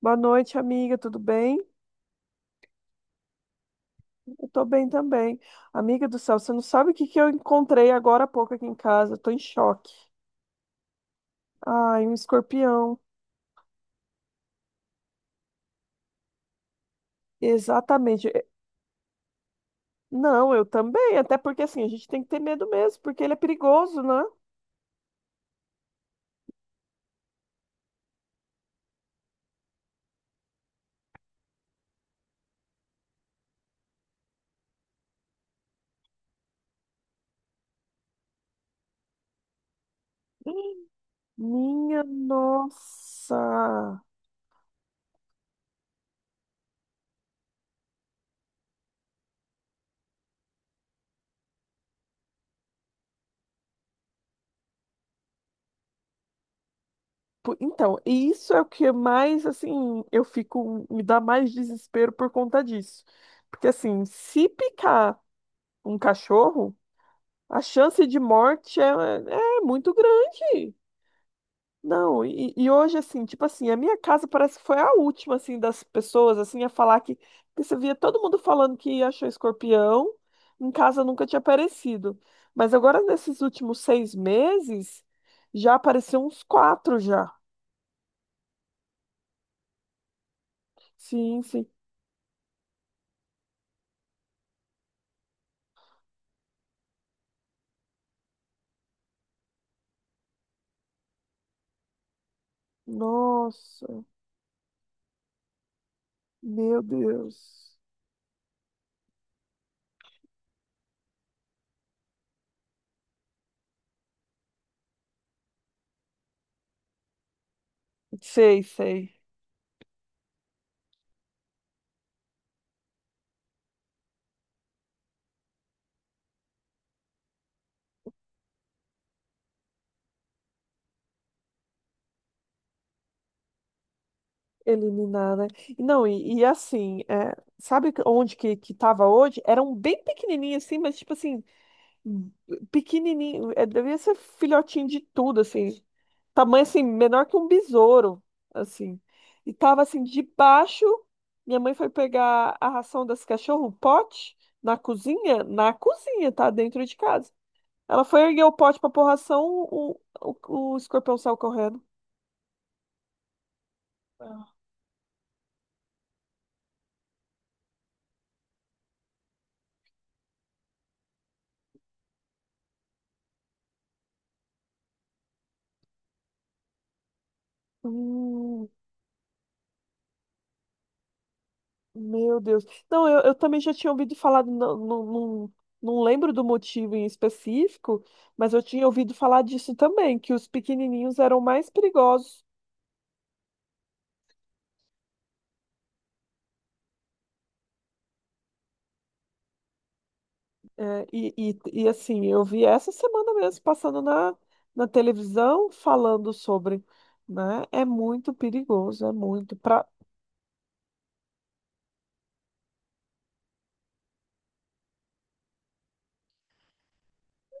Boa noite, amiga, tudo bem? Eu tô bem também. Amiga do céu, você não sabe o que eu encontrei agora há pouco aqui em casa? Eu tô em choque. Ai, um escorpião. Exatamente. Não, eu também, até porque assim, a gente tem que ter medo mesmo, porque ele é perigoso, né? Minha nossa. Então, e isso é o que mais, assim, eu fico, me dá mais desespero por conta disso. Porque assim, se picar um cachorro. A chance de morte é muito grande. Não, e hoje, assim, tipo assim, a minha casa parece que foi a última, assim, das pessoas, assim, a falar que você via todo mundo falando que achou escorpião, em casa nunca tinha aparecido. Mas agora, nesses últimos 6 meses, já apareceu uns quatro já. Sim, sim. Nossa, meu Deus. Sei, sei. Eliminada. Não, e assim, é, onde que tava hoje? Eram bem pequenininhos assim, mas tipo assim, pequenininho, é, devia ser filhotinho de tudo, assim. Tamanho assim, menor que um besouro, assim. E tava assim, debaixo, minha mãe foi pegar a ração das cachorras, o pote, na cozinha, tá? Dentro de casa. Ela foi erguer o pote pra pôr ração, o, o, o escorpião saiu correndo. Meu Deus. Não, eu também já tinha ouvido falar, não lembro do motivo em específico, mas eu tinha ouvido falar disso também, que os pequenininhos eram mais perigosos. É, e assim, eu vi essa semana mesmo, passando na televisão, falando sobre, né? É muito perigoso, é muito, pra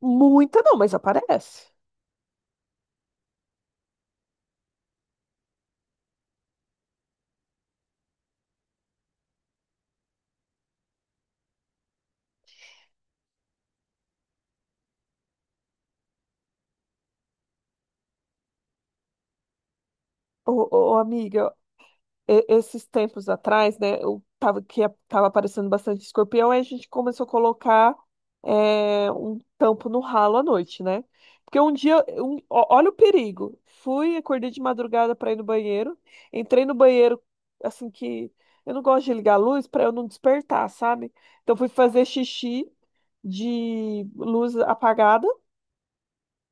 muita não, mas aparece. Ô, ô, amiga, esses tempos atrás, né, que estava aparecendo bastante escorpião, aí a gente começou a colocar é, um tampo no ralo à noite, né? Porque um dia, olha o perigo. Fui, acordei de madrugada para ir no banheiro, entrei no banheiro, assim que eu não gosto de ligar a luz para eu não despertar, sabe? Então fui fazer xixi de luz apagada.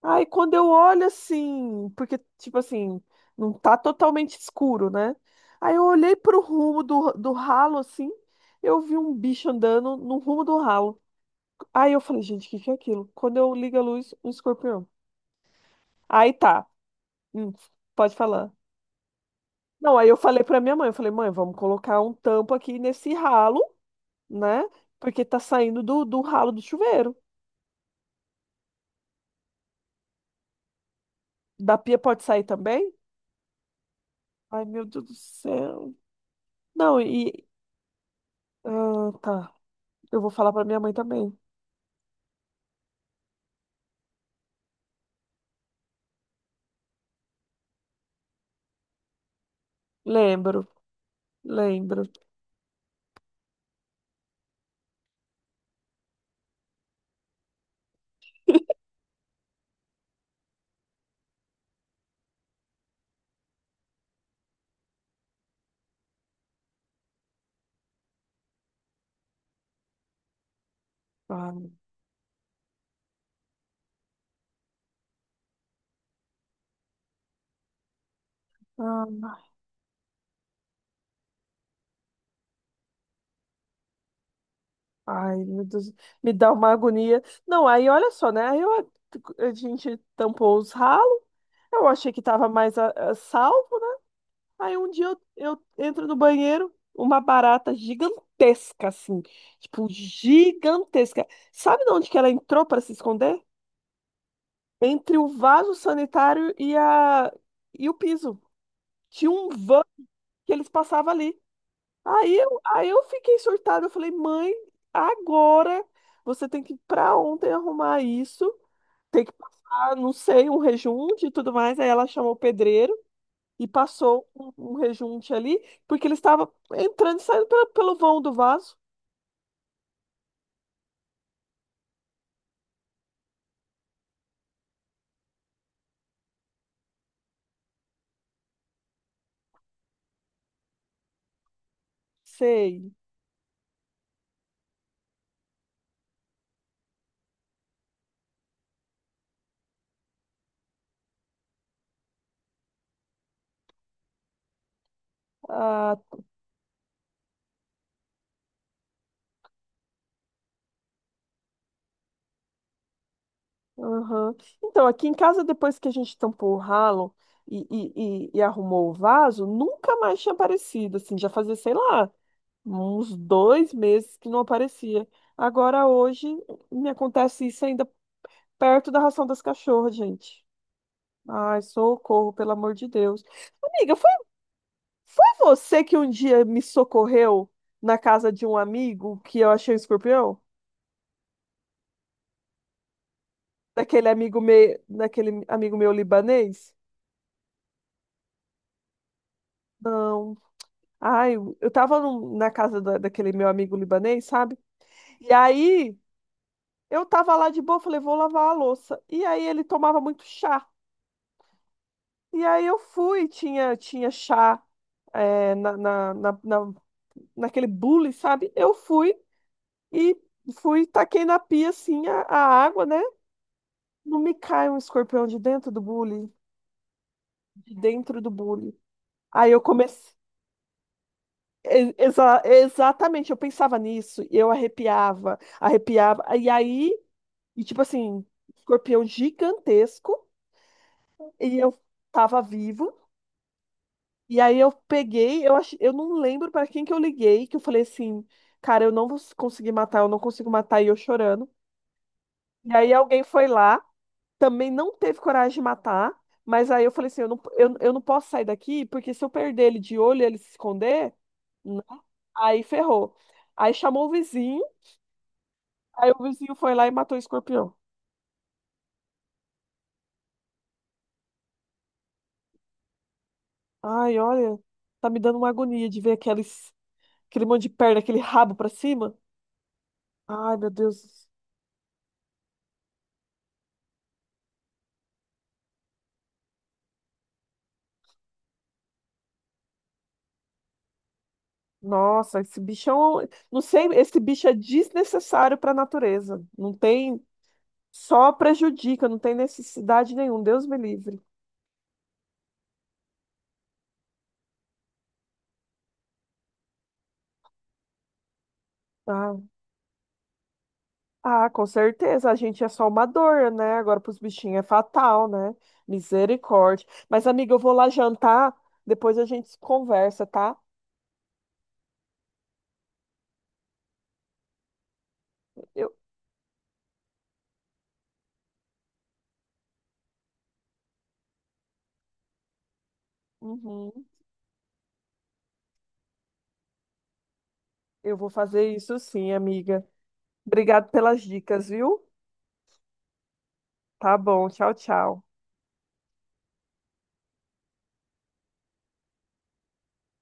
Aí quando eu olho assim, porque, tipo assim, não tá totalmente escuro, né? Aí eu olhei pro rumo do ralo, assim, eu vi um bicho andando no rumo do ralo. Aí eu falei, gente, o que é aquilo? Quando eu ligo a luz, um escorpião. Aí tá, hum, pode falar. Não, aí eu falei pra minha mãe, eu falei, mãe, vamos colocar um tampo aqui nesse ralo, né? Porque tá saindo do ralo do chuveiro. Da pia pode sair também? Ai, meu Deus do céu. Não, e... Ah, tá. Eu vou falar pra minha mãe também. Lembro, lembro. Ah, ah, ai, meu Deus. Me dá uma agonia. Não, aí olha só, né? A gente tampou os ralos. Eu achei que tava mais a salvo, né? Aí um dia eu entro no banheiro, uma barata gigantesca, assim. Tipo, gigantesca. Sabe de onde que ela entrou para se esconder? Entre o vaso sanitário e o piso. Tinha um van que eles passavam ali. Aí eu fiquei surtada, eu falei, mãe, agora você tem que ir pra ontem arrumar isso, tem que passar, não sei, um rejunte e tudo mais. Aí ela chamou o pedreiro e passou um rejunte ali, porque ele estava entrando e saindo pelo vão do vaso. Sei. Ah, aham. Então, aqui em casa, depois que a gente tampou o ralo e arrumou o vaso, nunca mais tinha aparecido, assim, já fazia, sei lá. Uns 2 meses que não aparecia. Agora hoje me acontece isso ainda perto da ração das cachorras, gente. Ai, socorro, pelo amor de Deus. Amiga, foi, foi você que um dia me socorreu na casa de um amigo que eu achei um escorpião? Daquele amigo meu libanês? Não. Ai, eu na casa daquele meu amigo libanês, sabe? E aí eu tava lá de boa, falei, vou lavar a louça. E aí ele tomava muito chá. E aí eu fui, tinha chá é, naquele bule, sabe? Eu fui e fui, taquei na pia assim a água, né? Não me cai um escorpião de dentro do bule, de dentro do bule. Aí eu comecei. Exatamente, eu pensava nisso, e eu arrepiava, arrepiava, e aí, e tipo assim, escorpião gigantesco, e eu tava vivo. E aí eu peguei, eu acho, eu não lembro pra quem que eu liguei, que eu falei assim, cara, eu não vou conseguir matar, eu não consigo matar, e eu chorando. E aí alguém foi lá, também não teve coragem de matar, mas aí eu falei assim, eu não posso sair daqui, porque se eu perder ele de olho e ele se esconder, né? Aí ferrou. Aí chamou o vizinho, aí o vizinho foi lá e matou o escorpião. Ai, olha, tá me dando uma agonia de ver aqueles, aquele monte de perna, aquele rabo pra cima. Ai, meu Deus. Nossa, esse bicho é um... Não sei, esse bicho é desnecessário para a natureza. Não tem... Só prejudica, não tem necessidade nenhuma. Deus me livre. Ah, ah, com certeza. A gente é só uma dor, né? Agora para os bichinhos é fatal, né? Misericórdia. Mas, amiga, eu vou lá jantar. Depois a gente conversa, tá? Eu, uhum. Eu vou fazer isso sim, amiga. Obrigado pelas dicas, viu? Tá bom. Tchau, tchau.